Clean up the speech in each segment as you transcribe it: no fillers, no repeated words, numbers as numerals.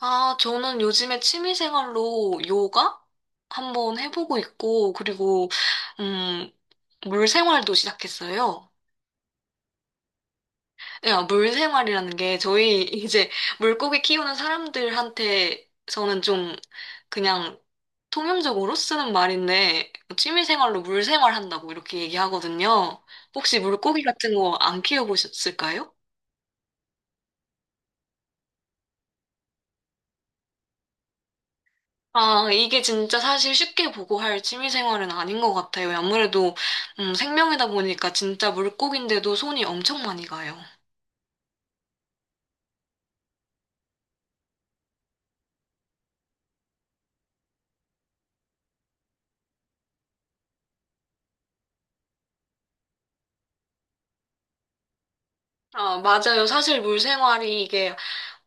아, 저는 요즘에 취미생활로 요가 한번 해보고 있고, 그리고, 음, 물생활도 시작했어요. 야, 물생활이라는 게 저희 이제 물고기 키우는 사람들한테서는 좀 그냥 통용적으로 쓰는 말인데, 뭐 취미생활로 물생활 한다고 이렇게 얘기하거든요. 혹시 물고기 같은 거 안 키워보셨을까요? 아, 이게 진짜 사실 쉽게 보고할 취미생활은 아닌 것 같아요. 아무래도 생명이다 보니까 진짜 물고기인데도 손이 엄청 많이 가요. 아, 맞아요. 사실 물생활이 이게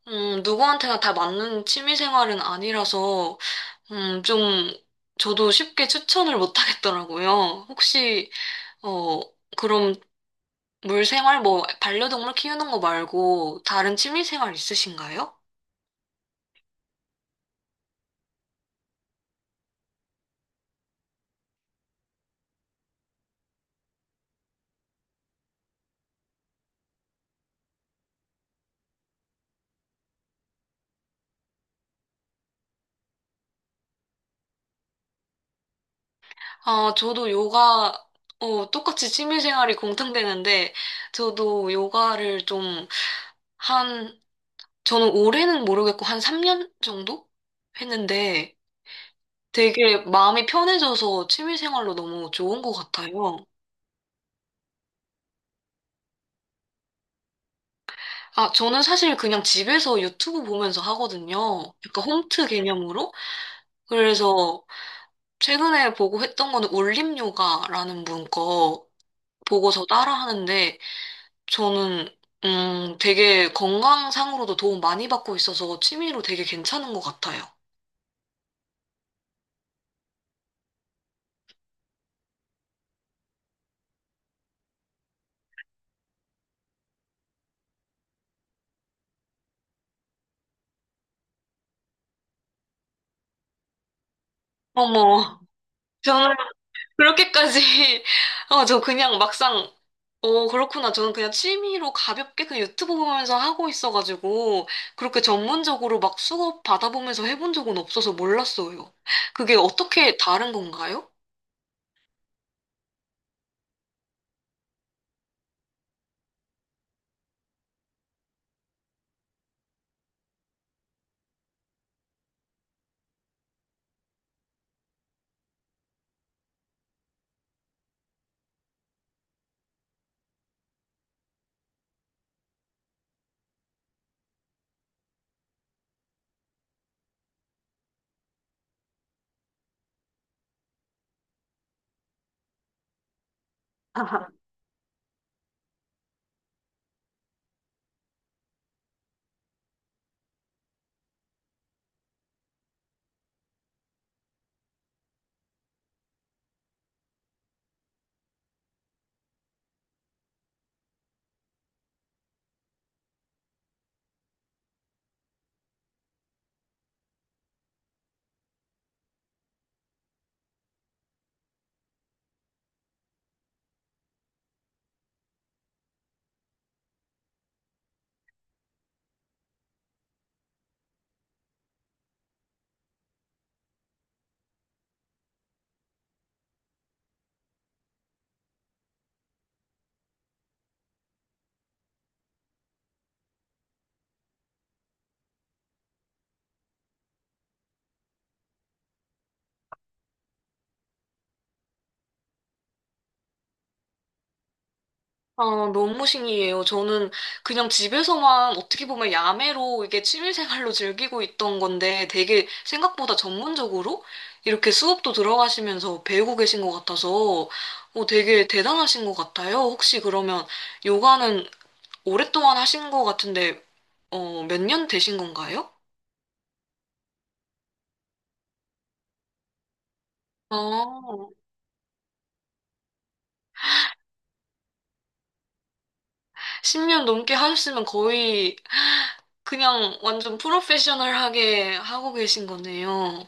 누구한테나 다 맞는 취미생활은 아니라서 좀 저도 쉽게 추천을 못 하겠더라고요. 혹시 어, 그럼 물생활 뭐 반려동물 키우는 거 말고 다른 취미생활 있으신가요? 아, 저도 요가, 똑같이 취미생활이 공통되는데, 저도 요가를 좀, 한, 저는 올해는 모르겠고, 한 3년 정도? 했는데, 되게 마음이 편해져서 취미생활로 너무 좋은 것 같아요. 아, 저는 사실 그냥 집에서 유튜브 보면서 하거든요. 약간 홈트 개념으로. 그래서 최근에 보고 했던 거는 올림 요가라는 분 거 보고서 따라 하는데, 저는 되게 건강상으로도 도움 많이 받고 있어서 취미로 되게 괜찮은 것 같아요. 어머, 저는 그렇게까지, 저 그냥 막상, 그렇구나. 저는 그냥 취미로 가볍게 그냥 유튜브 보면서 하고 있어가지고, 그렇게 전문적으로 막 수업 받아보면서 해본 적은 없어서 몰랐어요. 그게 어떻게 다른 건가요? 아, 너무 신기해요. 저는 그냥 집에서만 어떻게 보면 야매로 이게 취미생활로 즐기고 있던 건데 되게 생각보다 전문적으로 이렇게 수업도 들어가시면서 배우고 계신 것 같아서 되게 대단하신 것 같아요. 혹시 그러면 요가는 오랫동안 하신 것 같은데 몇 년 되신 건가요? 아, 10년 넘게 하셨으면 거의 그냥 완전 프로페셔널하게 하고 계신 거네요.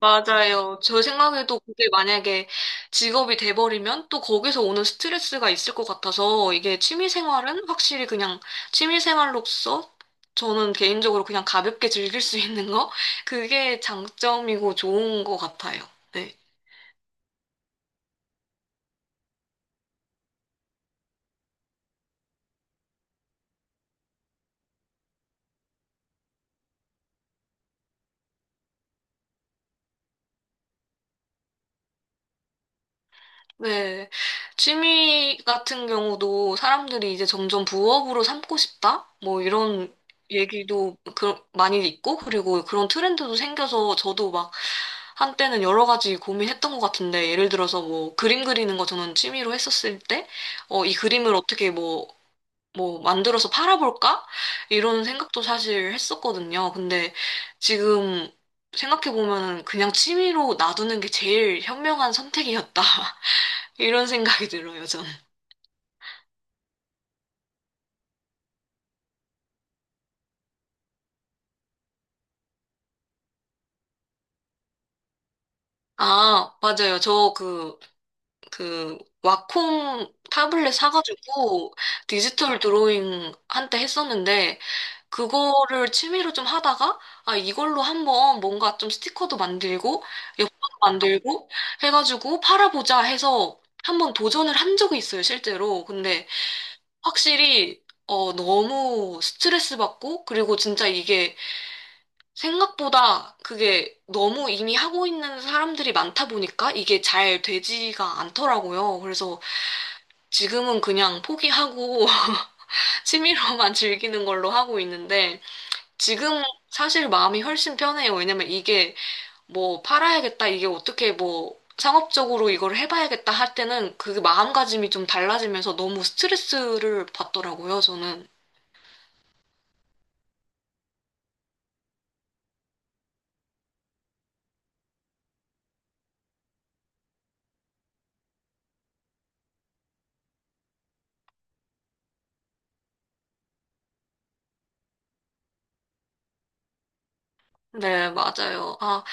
맞아요. 저 생각에도 그게 만약에 직업이 돼버리면 또 거기서 오는 스트레스가 있을 것 같아서 이게 취미 생활은 확실히 그냥 취미 생활로서 저는 개인적으로 그냥 가볍게 즐길 수 있는 거? 그게 장점이고 좋은 것 같아요. 네. 네. 취미 같은 경우도 사람들이 이제 점점 부업으로 삼고 싶다? 뭐 이런 얘기도 그, 많이 있고, 그리고 그런 트렌드도 생겨서 저도 막 한때는 여러 가지 고민했던 것 같은데, 예를 들어서 뭐 그림 그리는 거 저는 취미로 했었을 때, 이 그림을 어떻게 뭐, 뭐 만들어서 팔아볼까? 이런 생각도 사실 했었거든요. 근데 지금 생각해보면 그냥 취미로 놔두는 게 제일 현명한 선택이었다. 이런 생각이 들어요, 저는. 아, 맞아요. 저 그, 그, 와콩 타블렛 사가지고 디지털 드로잉 한때 했었는데, 그거를 취미로 좀 하다가, 아, 이걸로 한번 뭔가 좀 스티커도 만들고, 엽서도 만들고, 해가지고 팔아보자 해서 한번 도전을 한 적이 있어요, 실제로. 근데 확실히, 너무 스트레스 받고, 그리고 진짜 이게 생각보다 그게 너무 이미 하고 있는 사람들이 많다 보니까 이게 잘 되지가 않더라고요. 그래서 지금은 그냥 포기하고 취미로만 즐기는 걸로 하고 있는데 지금 사실 마음이 훨씬 편해요. 왜냐면 이게 뭐 팔아야겠다, 이게 어떻게 뭐 상업적으로 이걸 해봐야겠다 할 때는 그 마음가짐이 좀 달라지면서 너무 스트레스를 받더라고요, 저는. 네, 맞아요. 아,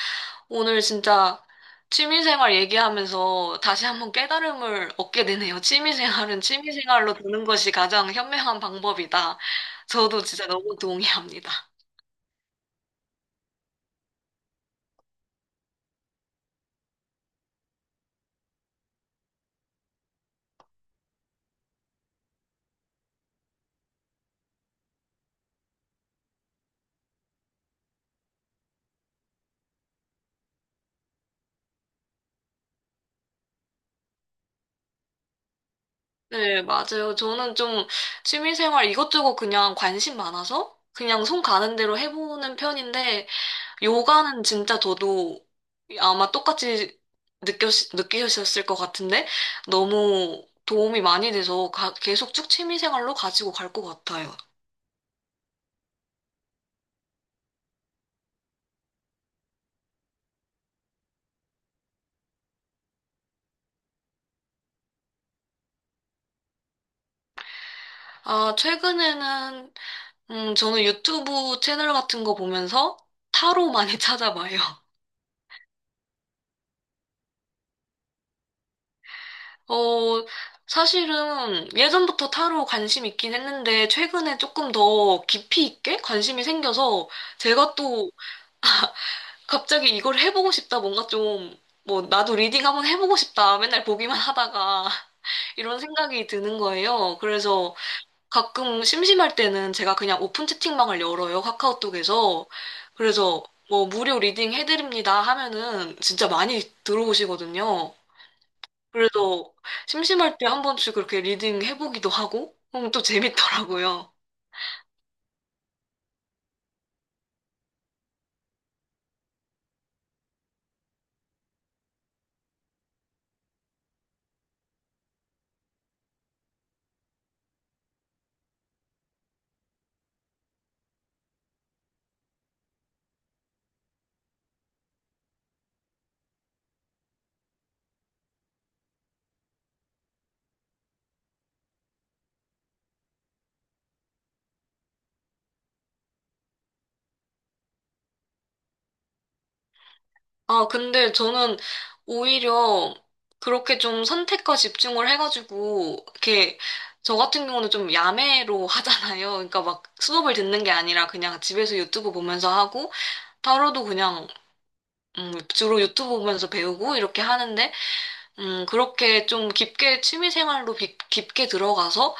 오늘 진짜 취미생활 얘기하면서 다시 한번 깨달음을 얻게 되네요. 취미생활은 취미생활로 두는 것이 가장 현명한 방법이다. 저도 진짜 너무 동의합니다. 네, 맞아요. 저는 좀 취미생활 이것저것 그냥 관심 많아서 그냥 손 가는 대로 해보는 편인데 요가는 진짜 저도 아마 똑같이 느꼈, 느끼셨을 것 같은데 너무 도움이 많이 돼서 가- 계속 쭉 취미생활로 가지고 갈 것 같아요. 아, 최근에는 저는 유튜브 채널 같은 거 보면서 타로 많이 찾아봐요. 어, 사실은 예전부터 타로 관심 있긴 했는데 최근에 조금 더 깊이 있게 관심이 생겨서 제가 또 갑자기 이걸 해보고 싶다, 뭔가 좀, 뭐, 나도 리딩 한번 해보고 싶다, 맨날 보기만 하다가, 이런 생각이 드는 거예요. 그래서 가끔 심심할 때는 제가 그냥 오픈 채팅방을 열어요, 카카오톡에서. 그래서 뭐, 무료 리딩 해드립니다 하면은 진짜 많이 들어오시거든요. 그래서 심심할 때 한 번씩 그렇게 리딩 해보기도 하고, 그럼 또 재밌더라고요. 아, 근데 저는 오히려 그렇게 좀 선택과 집중을 해가지고, 이렇게, 저 같은 경우는 좀 야매로 하잖아요. 그러니까 막 수업을 듣는 게 아니라 그냥 집에서 유튜브 보면서 하고, 타로도 그냥, 주로 유튜브 보면서 배우고 이렇게 하는데, 그렇게 좀 깊게 취미 생활로 비- 깊게 들어가서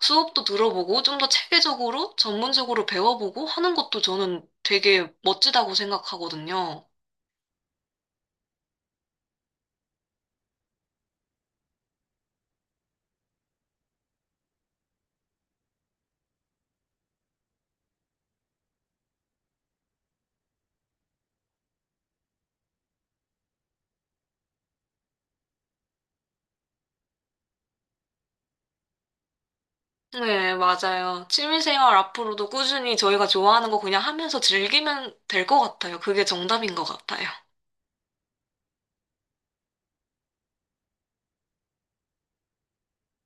수업도 들어보고, 좀 더 체계적으로, 전문적으로 배워보고 하는 것도 저는 되게 멋지다고 생각하거든요. 네, 맞아요. 취미생활 앞으로도 꾸준히 저희가 좋아하는 거 그냥 하면서 즐기면 될 것 같아요. 그게 정답인 것 같아요.